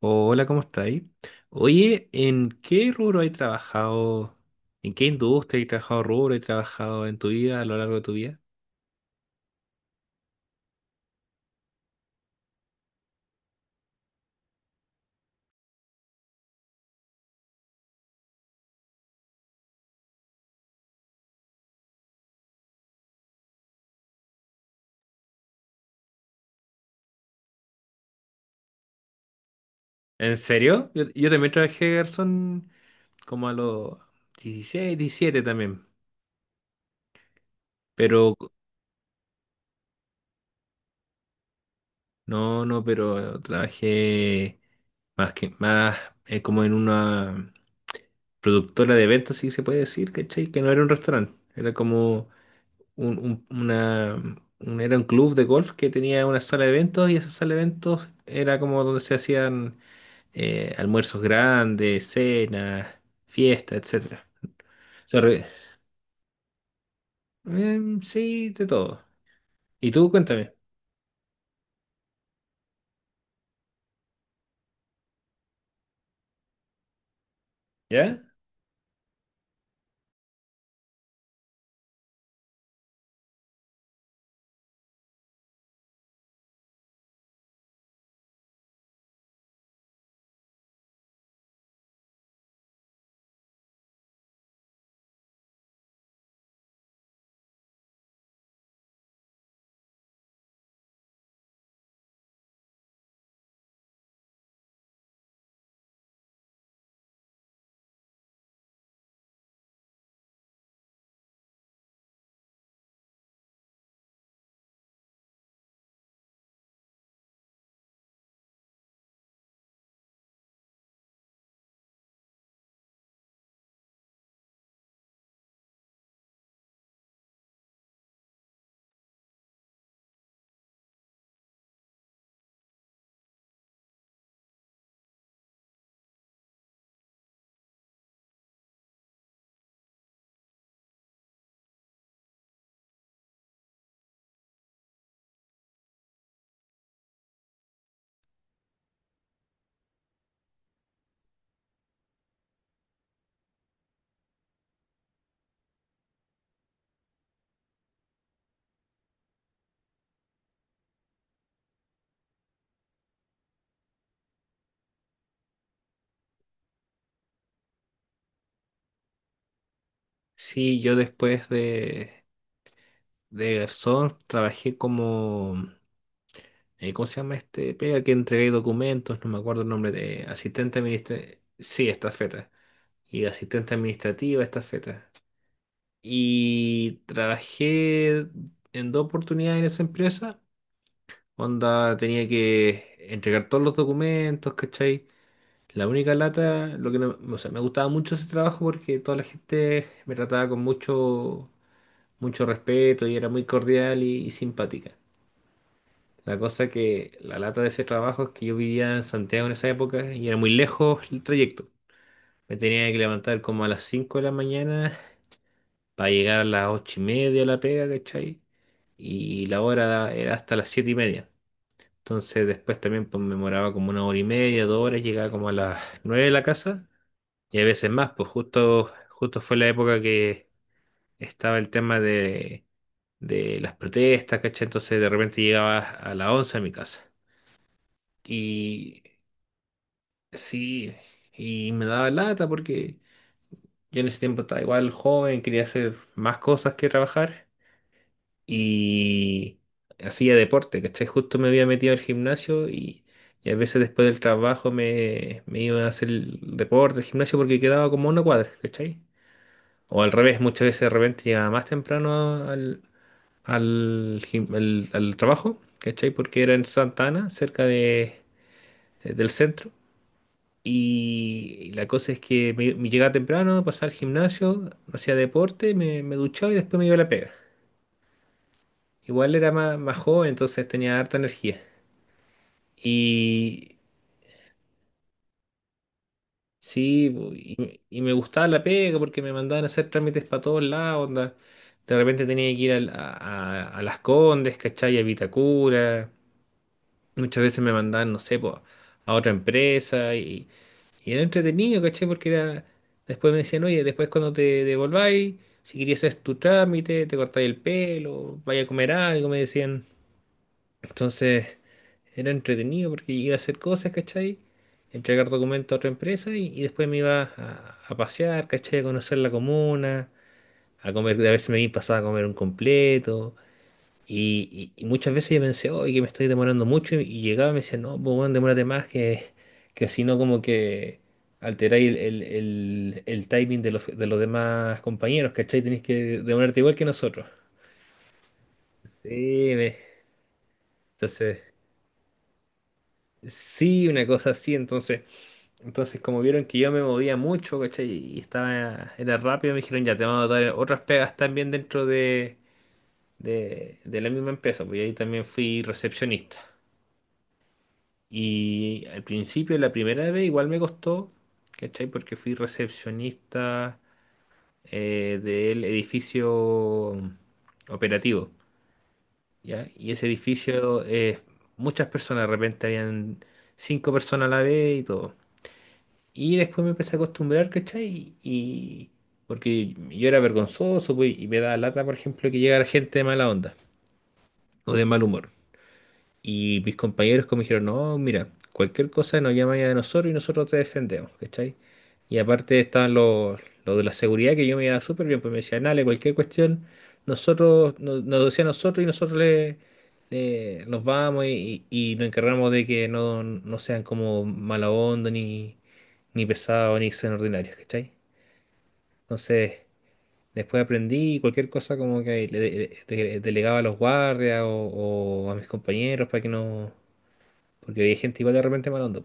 Hola, ¿cómo estáis? Oye, ¿en qué rubro has trabajado? ¿En qué industria has trabajado rubro? ¿Has trabajado en tu vida, a lo largo de tu vida? ¿En serio? Yo también trabajé de garzón como a los 16, 17 también. Pero, no, no, pero trabajé más que más como en una productora de eventos, si se puede decir, ¿cachai? Que no era un restaurante, era como un, un- una, era un club de golf que tenía una sala de eventos y esa sala de eventos era como donde se hacían almuerzos grandes, cenas, fiestas, etcétera. Se re- sí, de todo. Y tú, cuéntame, ¿ya? Sí, yo después de garzón trabajé como, ¿cómo se llama este? Pega que entregué documentos, no me acuerdo el nombre de asistente administrativo. Sí, estafeta. Y asistente administrativa, estafeta. Y trabajé en dos oportunidades en esa empresa. Onda tenía que entregar todos los documentos, ¿cachai? La única lata, lo que no, o sea, me gustaba mucho ese trabajo porque toda la gente me trataba con mucho, mucho respeto y era muy cordial y simpática. La cosa que la lata de ese trabajo es que yo vivía en Santiago en esa época y era muy lejos el trayecto. Me tenía que levantar como a las 5 de la mañana para llegar a las 8:30 a la pega, ¿cachai? Y la hora era hasta las 7:30. Entonces después también pues, me demoraba como una hora y media, 2 horas, llegaba como a las 9 de la casa y a veces más, pues justo, justo fue la época que estaba el tema de las protestas, ¿cachai? Entonces de repente llegaba a las 11 a mi casa. Y sí, y me daba lata porque yo en ese tiempo estaba igual joven, quería hacer más cosas que trabajar. Y hacía deporte, ¿cachai? Justo me había metido al gimnasio y a veces después del trabajo me iba a hacer el deporte, el gimnasio, porque quedaba como una cuadra, ¿cachai? O al revés, muchas veces de repente llegaba más temprano al trabajo, ¿cachai? Porque era en Santa Ana, cerca del centro. Y la cosa es que me llegaba temprano, pasaba al gimnasio, hacía deporte, me duchaba y después me iba a la pega. Igual era más, más joven, entonces tenía harta energía. Y sí, y me gustaba la pega porque me mandaban a hacer trámites para todos lados, onda. De repente tenía que ir a Las Condes, ¿cachai? A Vitacura. Muchas veces me mandaban, no sé, po, a otra empresa y era entretenido, ¿cachai? Porque era. Después me decían, oye, después cuando te devolváis, si querías hacer tu trámite, te cortáis el pelo, vaya a comer algo, me decían. Entonces. Era entretenido porque iba a hacer cosas, ¿cachai? Entregar documentos a otra empresa y después me iba a pasear, ¿cachai? A conocer la comuna, a comer, a veces me iba pasaba a comer un completo. Y muchas veces yo pensé, oye, que me estoy demorando mucho. Y llegaba y me decía, no, pues bueno, demórate más que si no, como que alteráis el timing de los demás compañeros, ¿cachai? Tenéis que demorarte igual que nosotros. Sí, entonces, sí, una cosa así, entonces. Entonces, como vieron que yo me movía mucho, ¿cachai? Y estaba, era rápido, me dijeron, ya te vamos a dar otras pegas también dentro de la misma empresa, pues y ahí también fui recepcionista. Y al principio, la primera vez, igual me costó, ¿cachai? Porque fui recepcionista del edificio operativo, ¿ya? Y ese edificio, muchas personas, de repente habían cinco personas a la vez y todo. Y después me empecé a acostumbrar, ¿cachai? Y porque yo era vergonzoso, pues, y me daba lata, por ejemplo, que llegara gente de mala onda o de mal humor. Y mis compañeros como dijeron, no, mira, cualquier cosa nos llama ya de nosotros y nosotros te defendemos, ¿cachai? Y aparte estaban los de la seguridad que yo me iba súper bien, pues me decían, dale, cualquier cuestión, nosotros, nos decía nosotros y nosotros nos vamos y nos encargamos de que no sean como mala onda, ni pesados, ni sean ordinarios, ¿cachai? Entonces, después aprendí y cualquier cosa como que delegaba a los guardias o a mis compañeros para que no porque hay gente igual de repente mala onda.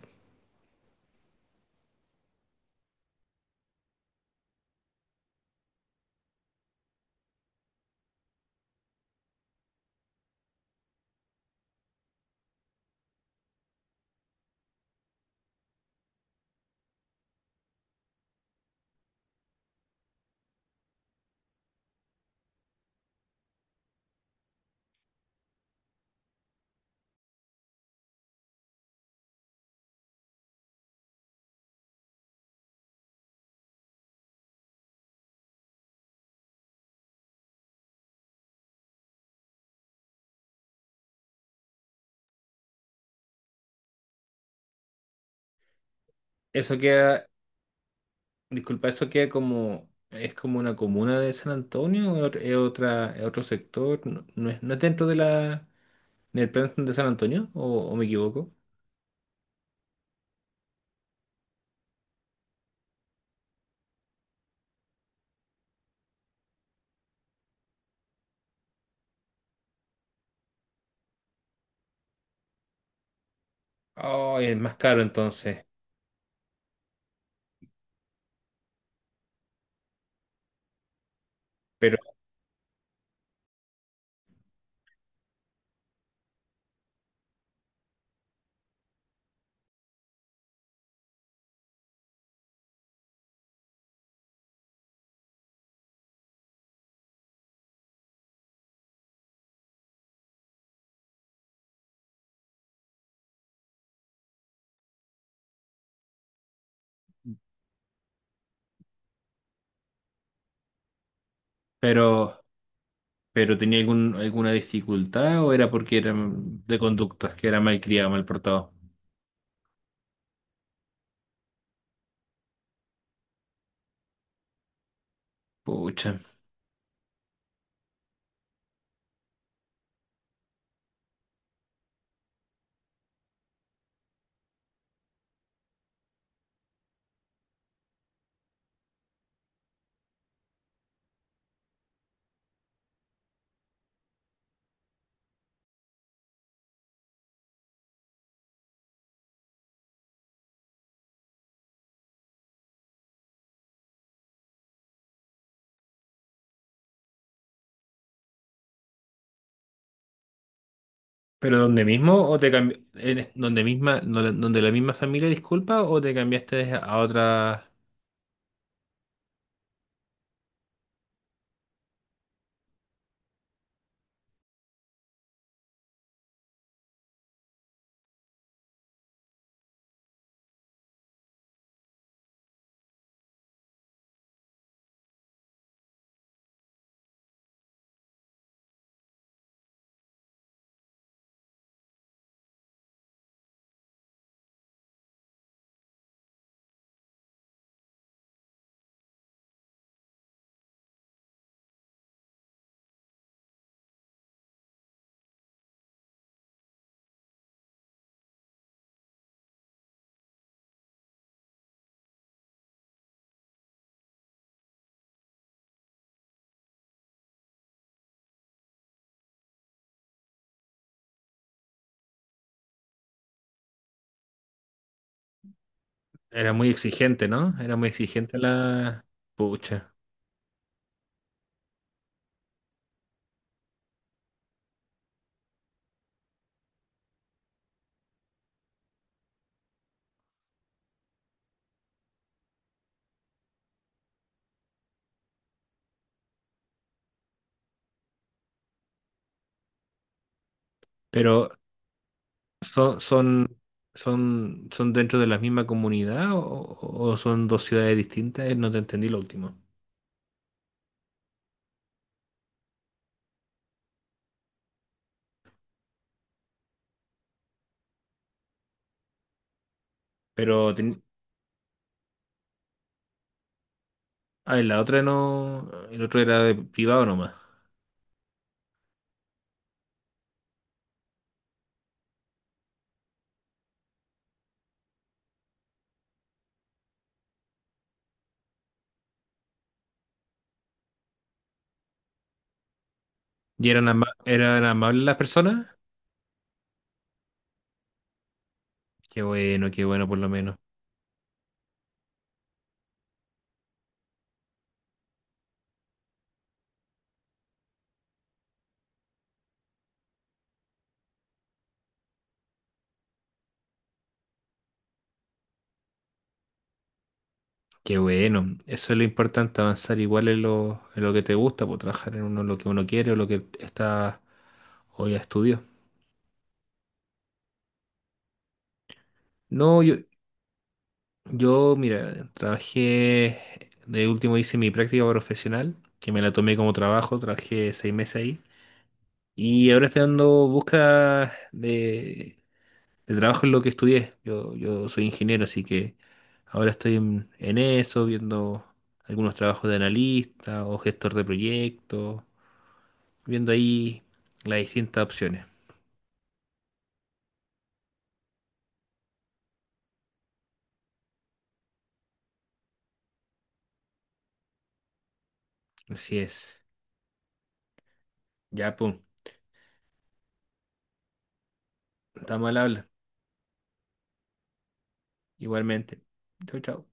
Eso queda, disculpa, eso queda como, es como una comuna de San Antonio, o es otra, es otro sector, no, no es dentro del plan de San Antonio, o me equivoco. Oh, es más caro entonces. Pero, pero, pero tenía alguna dificultad o era porque era de conductas, que era mal criado, mal portado. Pucha. ¿Pero donde mismo o te cambi- en- es- donde misma, donde la misma familia, disculpa, o te cambiaste a otra? Era muy exigente, ¿no? Era muy exigente la. Pucha. Pero son, son, son dentro de la misma comunidad o son dos ciudades distintas? No te entendí lo último. Pero en la otra no, el otro era de privado nomás. ¿Y eran amables las personas? Qué bueno por lo menos. Qué bueno. Eso es lo importante, avanzar igual en en lo que te gusta, por trabajar en uno lo que uno quiere o lo que está o ya estudió. No, Yo, mira, trabajé, de último hice mi práctica profesional, que me la tomé como trabajo, trabajé 6 meses ahí. Y ahora estoy dando busca de trabajo en lo que estudié. Yo soy ingeniero, así que ahora estoy en eso, viendo algunos trabajos de analista o gestor de proyectos, viendo ahí las distintas opciones. Así es. Ya, pum. Estamos al habla. Igualmente. Chau, chau.